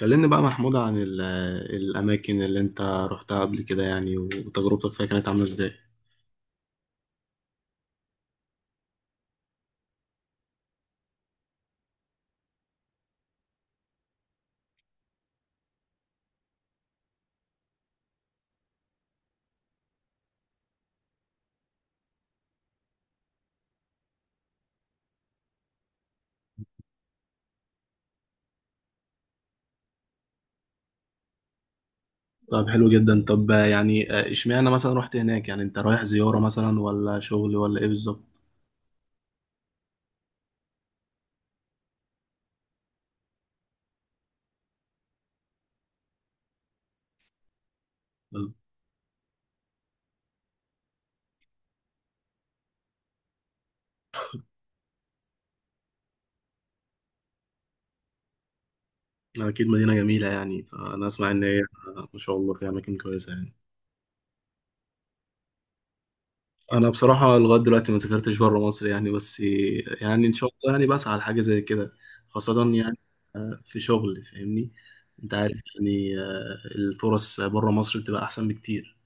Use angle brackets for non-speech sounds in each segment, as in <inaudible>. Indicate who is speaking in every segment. Speaker 1: كلمني بقى محمود عن الأماكن اللي أنت رحتها قبل كده، يعني وتجربتك فيها كانت عاملة إزاي؟ طب حلو جدا. طب يعني إشمعنى مثلا رحت هناك؟ يعني أنت رايح زيارة مثلا ولا شغل ولا إيه بالظبط؟ آه، أكيد مدينة جميلة، يعني فأنا أسمع إن هي ما شاء الله فيها أماكن كويسة يعني. أنا بصراحة لغاية دلوقتي ما سافرتش بره مصر يعني، بس يعني إن شاء الله يعني بسعى لحاجة زي كده، خاصة يعني في شغل، فاهمني؟ أنت عارف، يعني الفرص بره مصر بتبقى أحسن بكتير.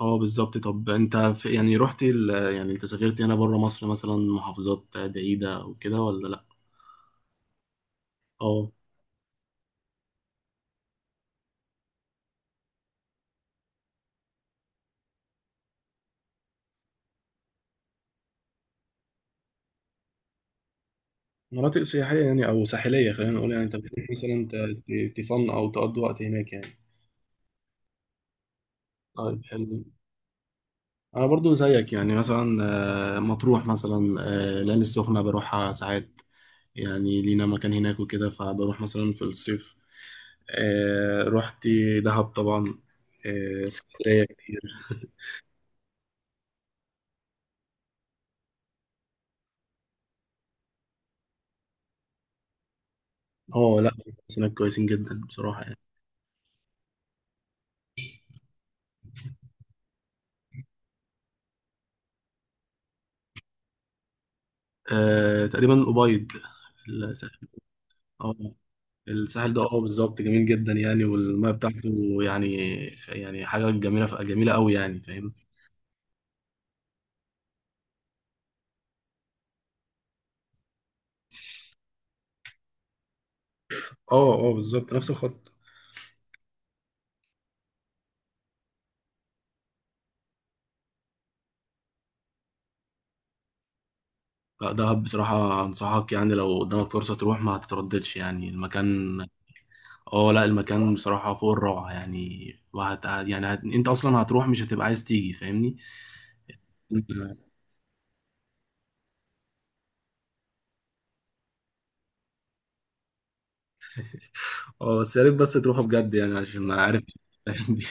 Speaker 1: اه بالظبط. طب انت في يعني رحت يعني انت سافرت هنا بره مصر مثلا محافظات بعيدة او كده ولا لا؟ اه، مناطق سياحية يعني، أو ساحلية خلينا نقول. يعني أنت بتروح مثلا تفن أو تقضي وقت هناك يعني. طيب حلو. انا برضو زيك، يعني مثلا مطروح، مثلا العين السخنة، بروحها ساعات، يعني لينا مكان هناك وكده، فبروح مثلا في الصيف. رحت دهب طبعا، اسكندرية كتير. <laughs> اه لا، بس هناك كويسين جدا بصراحة يعني. آه، تقريبا الأبيض، الساحل. اه، الساحل ده، اه بالظبط، جميل جدا يعني، والميه بتاعته يعني يعني حاجة جميلة جميلة قوي يعني، فاهم. اه اه، بالظبط نفس الخط. لا، دهب بصراحة أنصحك، يعني لو قدامك فرصة تروح ما هتترددش يعني المكان. اه لا، المكان بصراحة فوق الروعة يعني. انت اصلا هتروح، مش هتبقى عايز تيجي، فاهمني. اه، بس يا ريت بس تروحوا بجد، يعني عشان ما عارف. <laughs> دي.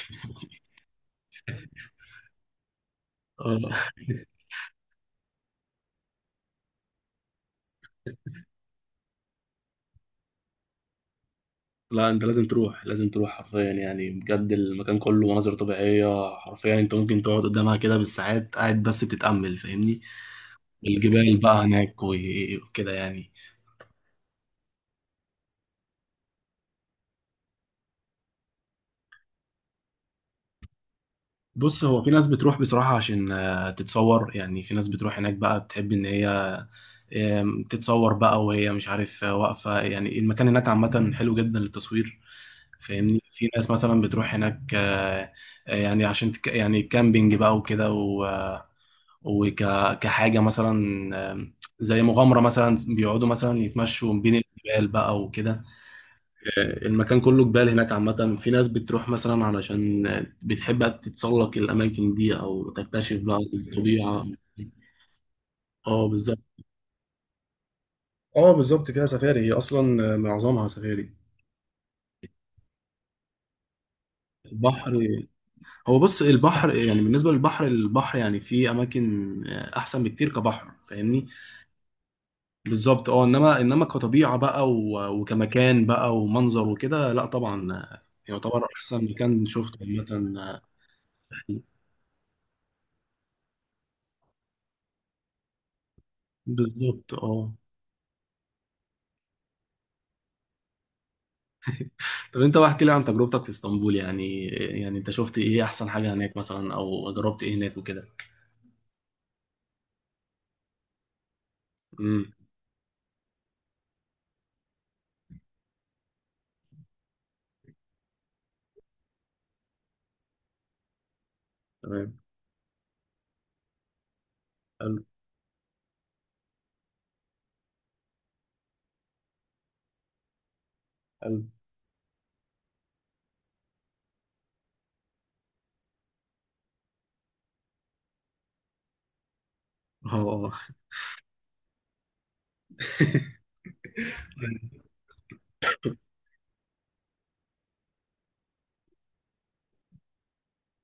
Speaker 1: اه لا، انت لازم تروح، لازم تروح حرفيا يعني بجد. المكان كله مناظر طبيعية حرفيا، انت ممكن تقعد قدامها كده بالساعات، قاعد بس بتتأمل، فاهمني. الجبال بقى هناك و- وكده يعني. بص، هو في ناس بتروح بصراحة عشان تتصور، يعني في ناس بتروح هناك بقى بتحب ان هي تتصور بقى، وهي مش عارف واقفة يعني. المكان هناك عامة حلو جدا للتصوير، فاهمني. في ناس مثلا بتروح هناك يعني عشان يعني كامبينج بقى وكده، وك كحاجة مثلا آم، زي مغامرة، مثلا بيقعدوا مثلا يتمشوا بين الجبال بقى وكده. المكان كله جبال هناك عامة. في ناس بتروح مثلا علشان بتحب تتسلق الأماكن دي، أو تكتشف بقى الطبيعة. اه بالظبط. اه بالظبط، فيها سفاري. هي أصلا معظمها سفاري. البحر، هو بص البحر. يعني بالنسبة للبحر، البحر يعني في أماكن أحسن بكتير كبحر، فاهمني. بالظبط اه. انما كطبيعه بقى، و- وكمكان بقى ومنظر وكده، لا طبعا يعتبر احسن مكان شفته عامه. بالظبط اه. طب انت بقى احكي لي عن تجربتك في اسطنبول. يعني انت شفت ايه احسن حاجه هناك مثلا، او جربت ايه هناك وكده. امم. تمام. حلو حلو. اه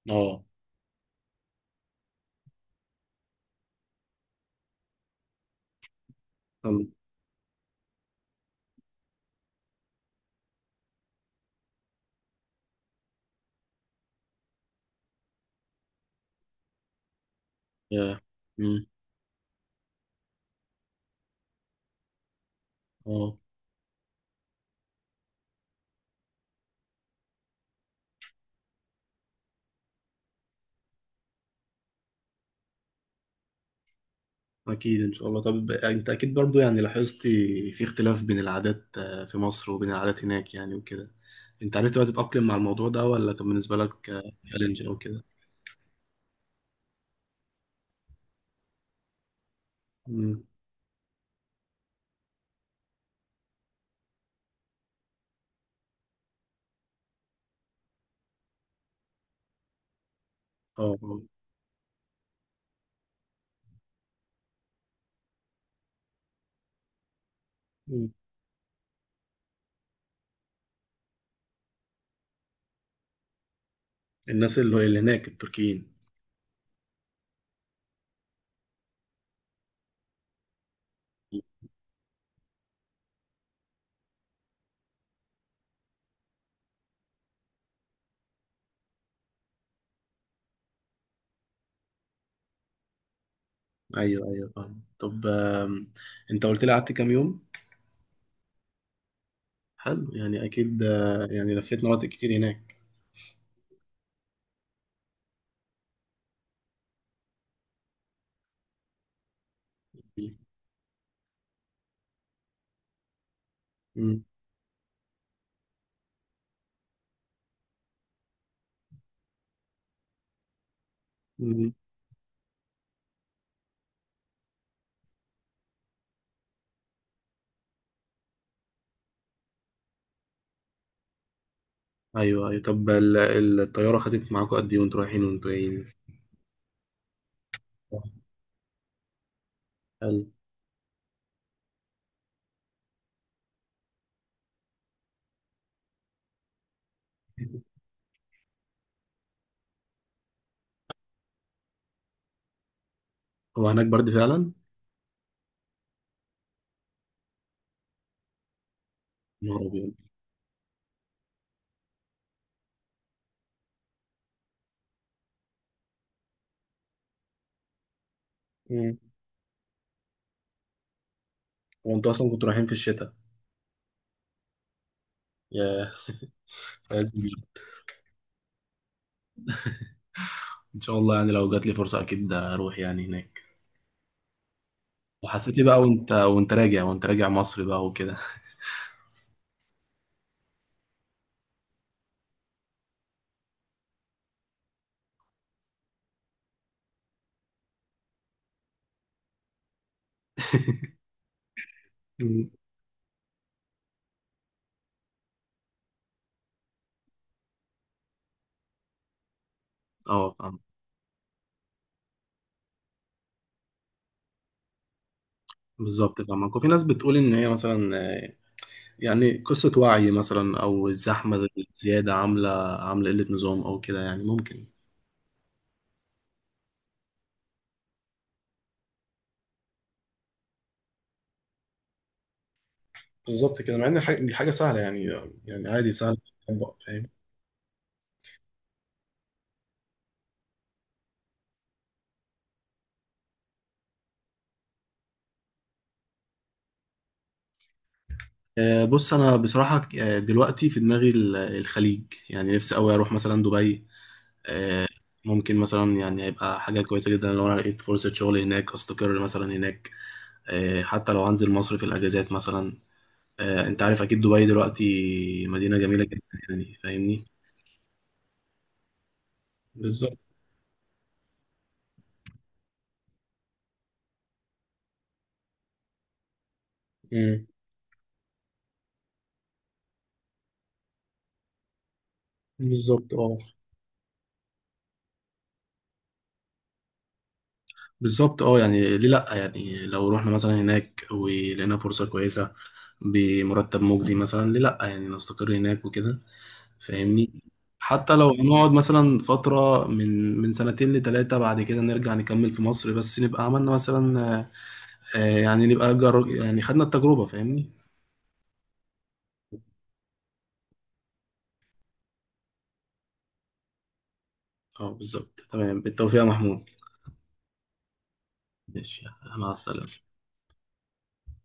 Speaker 1: اه اه. حلو. آه. امم. اه. أكيد إن شاء الله. طب أنت أكيد برضو يعني لاحظت في اختلاف بين العادات في مصر وبين العادات هناك، يعني وكده. أنت عرفت بقى تتأقلم مع الموضوع ده، ولا كان بالنسبة لك تشالنج أو كده؟ أمم. أه أه. أمم. الناس اللي هناك، التركيين. أيوه أيوه، فاهم. طب أنت قلت لي قعدت كام يوم؟ حلو، يعني أكيد يعني لفيت مناطق كتير هناك. أمم. أمم. أيوه أيوه. طب الطيارة خدت معاكم قد إيه وأنتوا رايحين وأنتوا جايين؟ حلو. هو هناك برد فعلا؟ نهار أبيض. مم. وأنتوا أصلا كنتوا رايحين في الشتاء. يا لازم. إن شاء الله، يعني لو جات لي فرصة أكيد أروح يعني هناك. وحسيت إيه بقى، وأنت راجع مصر بقى وكده؟ <laughs> مم. أه فاهم. بالظبط فاهمك. وفي ناس بتقول إن هي مثلا يعني قصة وعي مثلا، أو الزحمة الزيادة عاملة قلة نظام أو كده، يعني ممكن. بالظبط كده. مع إن دي حاجة سهلة يعني، يعني عادي سهل تطبق. بص، انا بصراحه دلوقتي في دماغي الخليج. يعني نفسي قوي اروح مثلا دبي. آه، ممكن مثلا، يعني هيبقى حاجه كويسه جدا لو انا لقيت فرصه شغل هناك استقر مثلا هناك، حتى لو هنزل مصر في الاجازات مثلا. انت عارف اكيد دبي دلوقتي مدينه جميله جدا يعني، فاهمني. بالظبط. مم. بالظبط اه. بالظبط اه، يعني ليه لا؟ يعني لو رحنا مثلا هناك ولقينا فرصه كويسه بمرتب مجزي مثلا، ليه لا يعني نستقر هناك وكده، فاهمني. حتى لو هنقعد مثلا فترة من سنتين لتلاتة، بعد كده نرجع نكمل في مصر، بس نبقى عملنا مثلا يعني نبقى يعني خدنا التجربة، فاهمني. اه بالظبط تمام، بالتوفيق يا محمود. ماشي، مع السلامة.